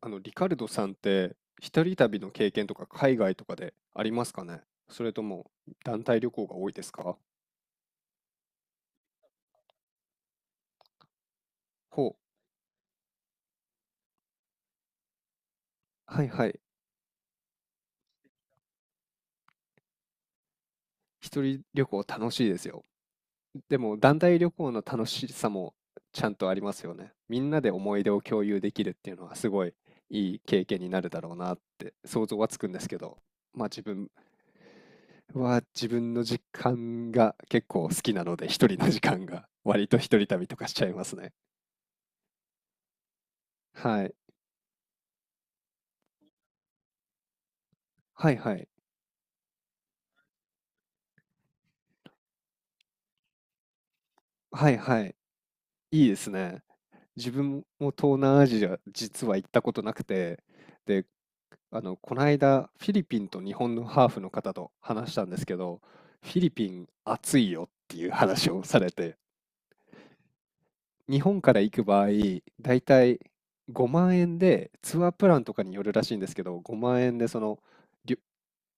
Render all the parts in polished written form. リカルドさんって、一人旅の経験とか海外とかでありますかね？それとも団体旅行が多いですか？ほう、はいはい。一人旅行楽しいですよ。でも団体旅行の楽しさもちゃんとありますよね。みんなで思い出を共有できるっていうのはすごいいい経験になるだろうなって想像はつくんですけど、まあ自分は自分の時間が結構好きなので、一人の時間が割と一人旅とかしちゃいますね。はい。はいはい。はいはい。いいですね。自分も東南アジア、実は行ったことなくて、で、この間、フィリピンと日本のハーフの方と話したんですけど、フィリピン暑いよっていう話をされて、日本から行く場合、だいたい5万円で、ツアープランとかによるらしいんですけど、5万円でりゅ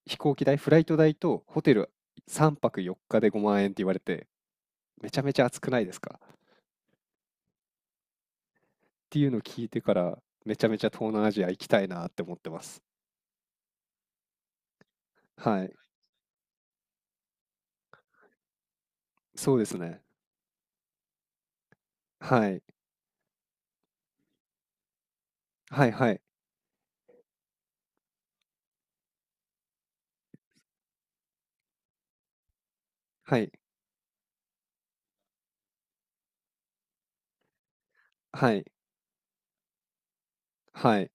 飛行機代、フライト代とホテル3泊4日で5万円って言われて、めちゃめちゃ暑くないですか？っていうのを聞いてから、めちゃめちゃ東南アジア行きたいなって思ってます。はい。そうですね。はい。はいはい。はい。はい。はい。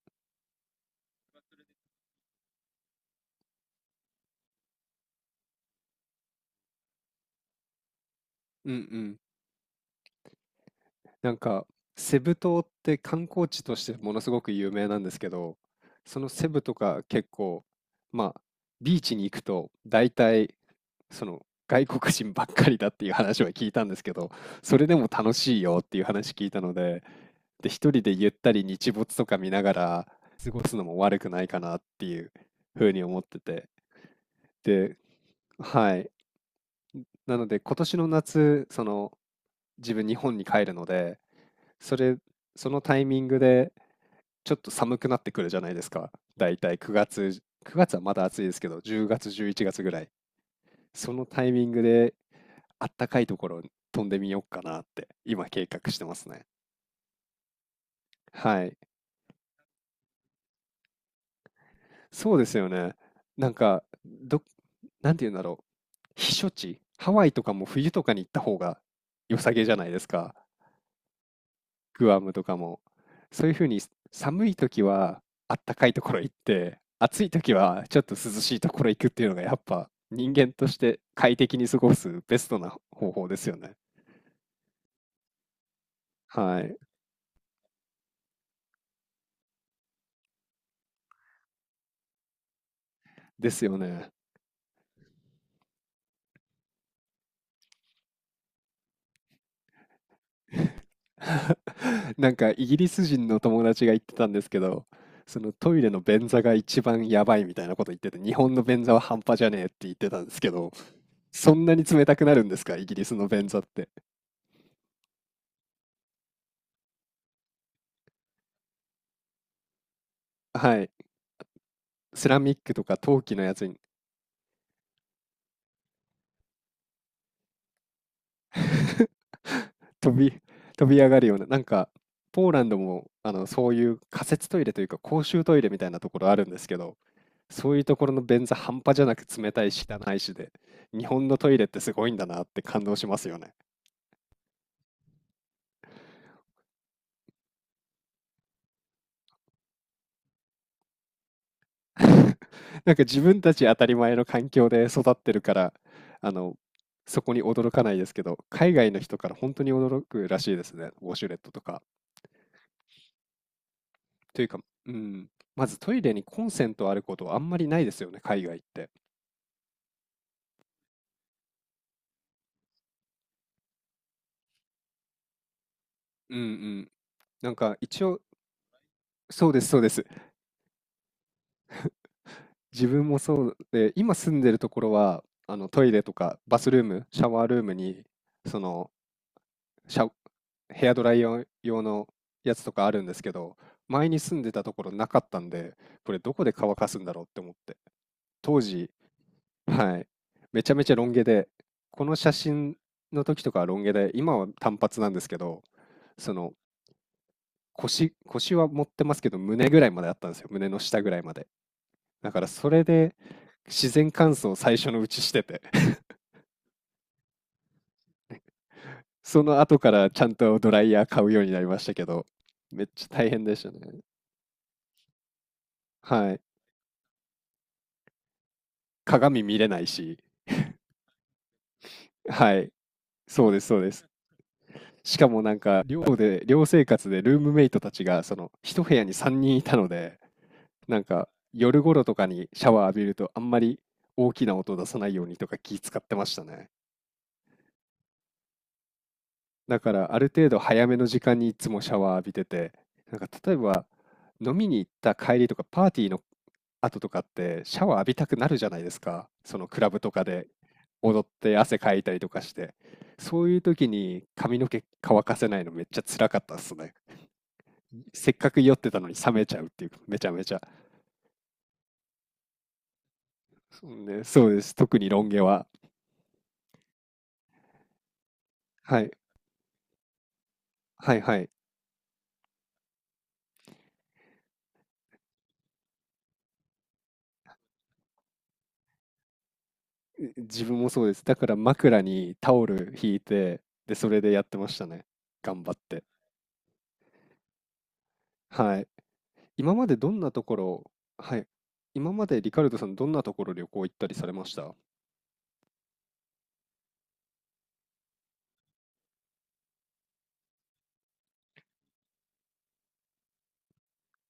うんうん。なんか、セブ島って観光地としてものすごく有名なんですけど、そのセブとか結構、まあ、ビーチに行くと大体、その外国人ばっかりだっていう話は聞いたんですけど、それでも楽しいよっていう話聞いたので、で、一人でゆったり日没とか見ながら過ごすのも悪くないかなっていうふうに思ってて。で、はい。なので今年の夏、その自分日本に帰るので、それ、そのタイミングでちょっと寒くなってくるじゃないですか。だいたい9月、9月はまだ暑いですけど、10月、11月ぐらい。そのタイミングであったかいところに飛んでみようかなって今計画してますね。はい。そうですよね。なんか、ど、なんて言うんだろう。避暑地、ハワイとかも冬とかに行った方が良さげじゃないですか。グアムとかも。そういうふうに寒い時はあったかいところ行って、暑い時はちょっと涼しいところ行くっていうのがやっぱ人間として快適に過ごすベストな方法ですよね。はい。ですよね。なんかイギリス人の友達が言ってたんですけど、そのトイレの便座が一番やばいみたいなこと言ってて、日本の便座は半端じゃねえって言ってたんですけど、そんなに冷たくなるんですか、イギリスの便座って？はい。セラミックとか陶器のやつに飛び、飛び上がるような、なんか、ポーランドも、そういう仮設トイレというか公衆トイレみたいなところあるんですけど、そういうところの便座半端じゃなく冷たいし汚いしで、日本のトイレってすごいんだなって感動しますよね。なんか自分たち当たり前の環境で育ってるから、あの、そこに驚かないですけど、海外の人から本当に驚くらしいですね、ウォシュレットとか。というか、うん、まずトイレにコンセントあることはあんまりないですよね、海外って。うんうん。なんか一応、そうです、そうです。自分もそうで、今住んでるところは、あのトイレとかバスルーム、シャワールームに、その、シャ、ヘアドライヤー用のやつとかあるんですけど、前に住んでたところなかったんで、これどこで乾かすんだろうって思って。当時、はい、めちゃめちゃロン毛で、この写真の時とかはロン毛で、今は短髪なんですけど、その、腰は持ってますけど、胸ぐらいまであったんですよ、胸の下ぐらいまで。だからそれで自然乾燥を最初のうちしてて その後からちゃんとドライヤー買うようになりましたけど、めっちゃ大変でしたね。はい。鏡見れないし、はい。そうです、そうです。しかもなんか寮で、寮生活でルームメイトたちがその一部屋に3人いたので、なんか夜頃とかにシャワー浴びるとあんまり大きな音出さないようにとか気使ってましたね。だからある程度早めの時間にいつもシャワー浴びてて、なんか例えば飲みに行った帰りとかパーティーの後とかってシャワー浴びたくなるじゃないですか。そのクラブとかで踊って汗かいたりとかして。そういう時に髪の毛乾かせないのめっちゃ辛かったっすね。せっかく酔ってたのに冷めちゃうっていう、めちゃめちゃ。そうね、そうです。特にロン毛は。はい。はいはい。自分もそうです。だから枕にタオル引いて、で、それでやってましたね。頑張って。はい。今までどんなところ、はい、今までリカルドさん、どんなところ旅行行ったりされました？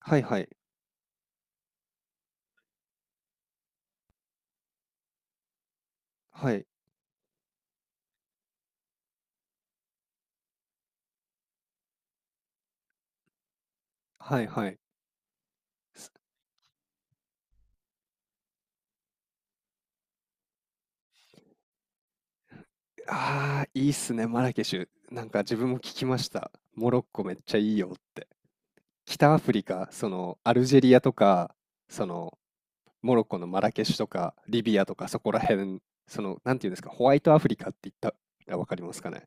はいはい。はい。はいはい。すああ、いいっすね、マラケシュ。なんか自分も聞きました。モロッコめっちゃいいよって。北アフリカ、そのアルジェリアとか、そのモロッコのマラケシュとか、リビアとかそこら辺、その、なんていうんですか、ホワイトアフリカって言ったらわかりますかね？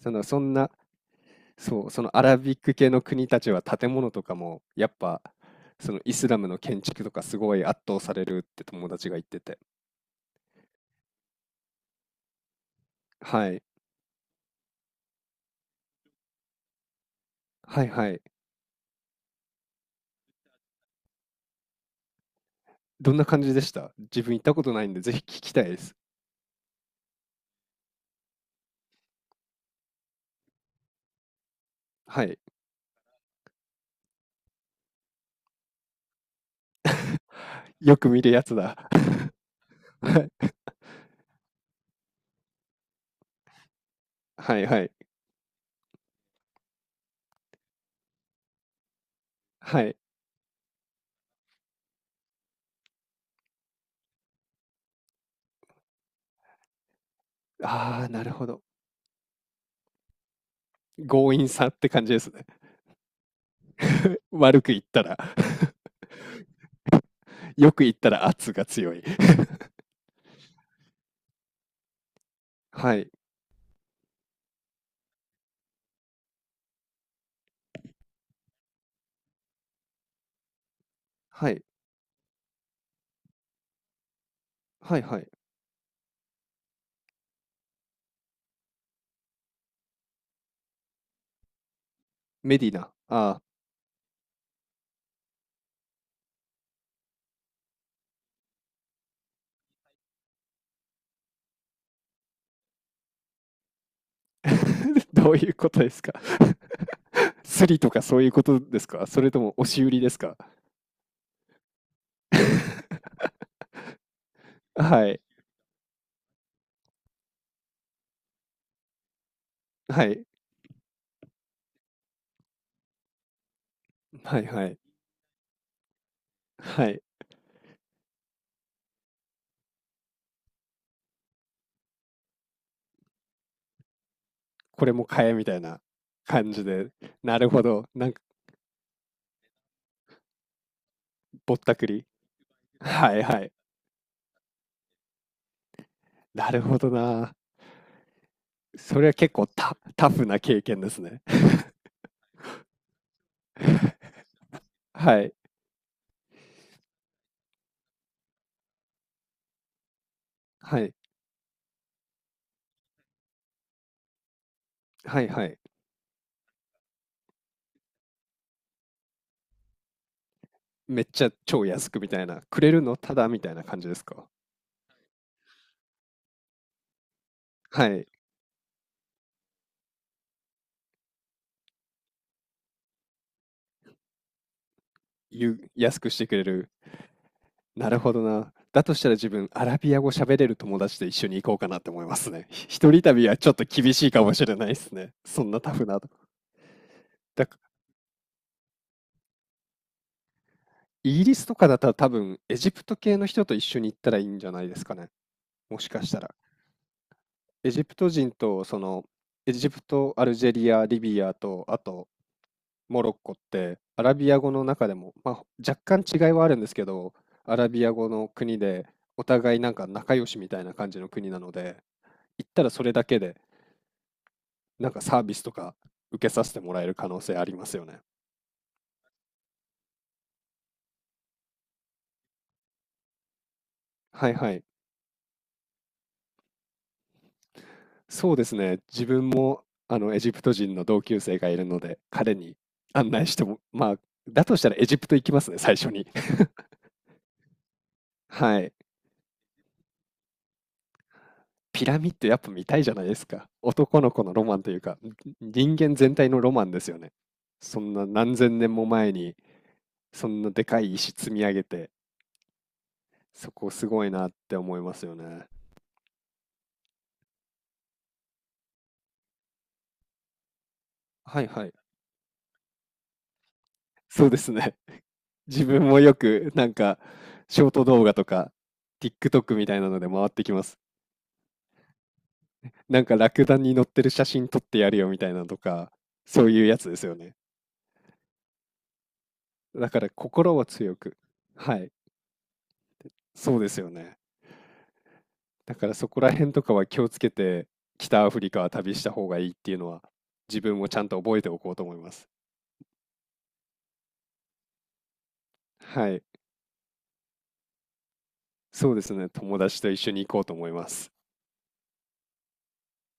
その、そんな、そう、そのアラビック系の国たちは建物とかもやっぱそのイスラムの建築とかすごい圧倒されるって友達が言ってて。はい。はいはい。どんな感じでした？自分行ったことないんでぜひ聞きたいです。はい。よく見るやつだ。はい。はいはい。はい。ああ、なるほど。強引さって感じですね。悪く言ったら。 よく言ったら圧が強い。はい。はい。はいはい。メディナ。ああ。どういうことですか？ スリとかそういうことですか？それとも押し売りですか？ はい。はい。はいはい。はい。これも買えみたいな感じで。なるほど。なんかぼったくり。はいはい。なるほどな。それは結構タタフな経験ですね。はい。はい。はいはい。めっちゃ超安くみたいな。くれるのただみたいな感じですか？はい。安くしてくれる。なるほどな。だとしたら自分、アラビア語喋れる友達と一緒に行こうかなって思いますね。一人旅はちょっと厳しいかもしれないですね。そんなタフな。だからイギリスとかだったら多分、エジプト系の人と一緒に行ったらいいんじゃないですかね。もしかしたら。エジプト人と、その、エジプト、アルジェリア、リビアと、あと、モロッコって、アラビア語の中でも、まあ、若干違いはあるんですけど、アラビア語の国で、お互いなんか仲良しみたいな感じの国なので、行ったらそれだけで、なんかサービスとか受けさせてもらえる可能性ありますよね。はいはい。そうですね。自分もあのエジプト人の同級生がいるので、彼に案内しても、まあ、だとしたらエジプト行きますね、最初に。はい。ピラミッドやっぱ見たいじゃないですか。男の子のロマンというか、人間全体のロマンですよね。そんな何千年も前に、そんなでかい石積み上げて、そこすごいなって思いますよね。はいはい。そうですね。自分もよく、なんか、ショート動画とか、TikTok みたいなので回ってきます。なんか、ラクダに乗ってる写真撮ってやるよみたいなのとか、そういうやつですよね。だから、心は強く。はい。そうですよね。だから、そこら辺とかは気をつけて、北アフリカは旅した方がいいっていうのは、自分もちゃんと覚えておこうと思います。はい。そうですね。友達と一緒に行こうと思います。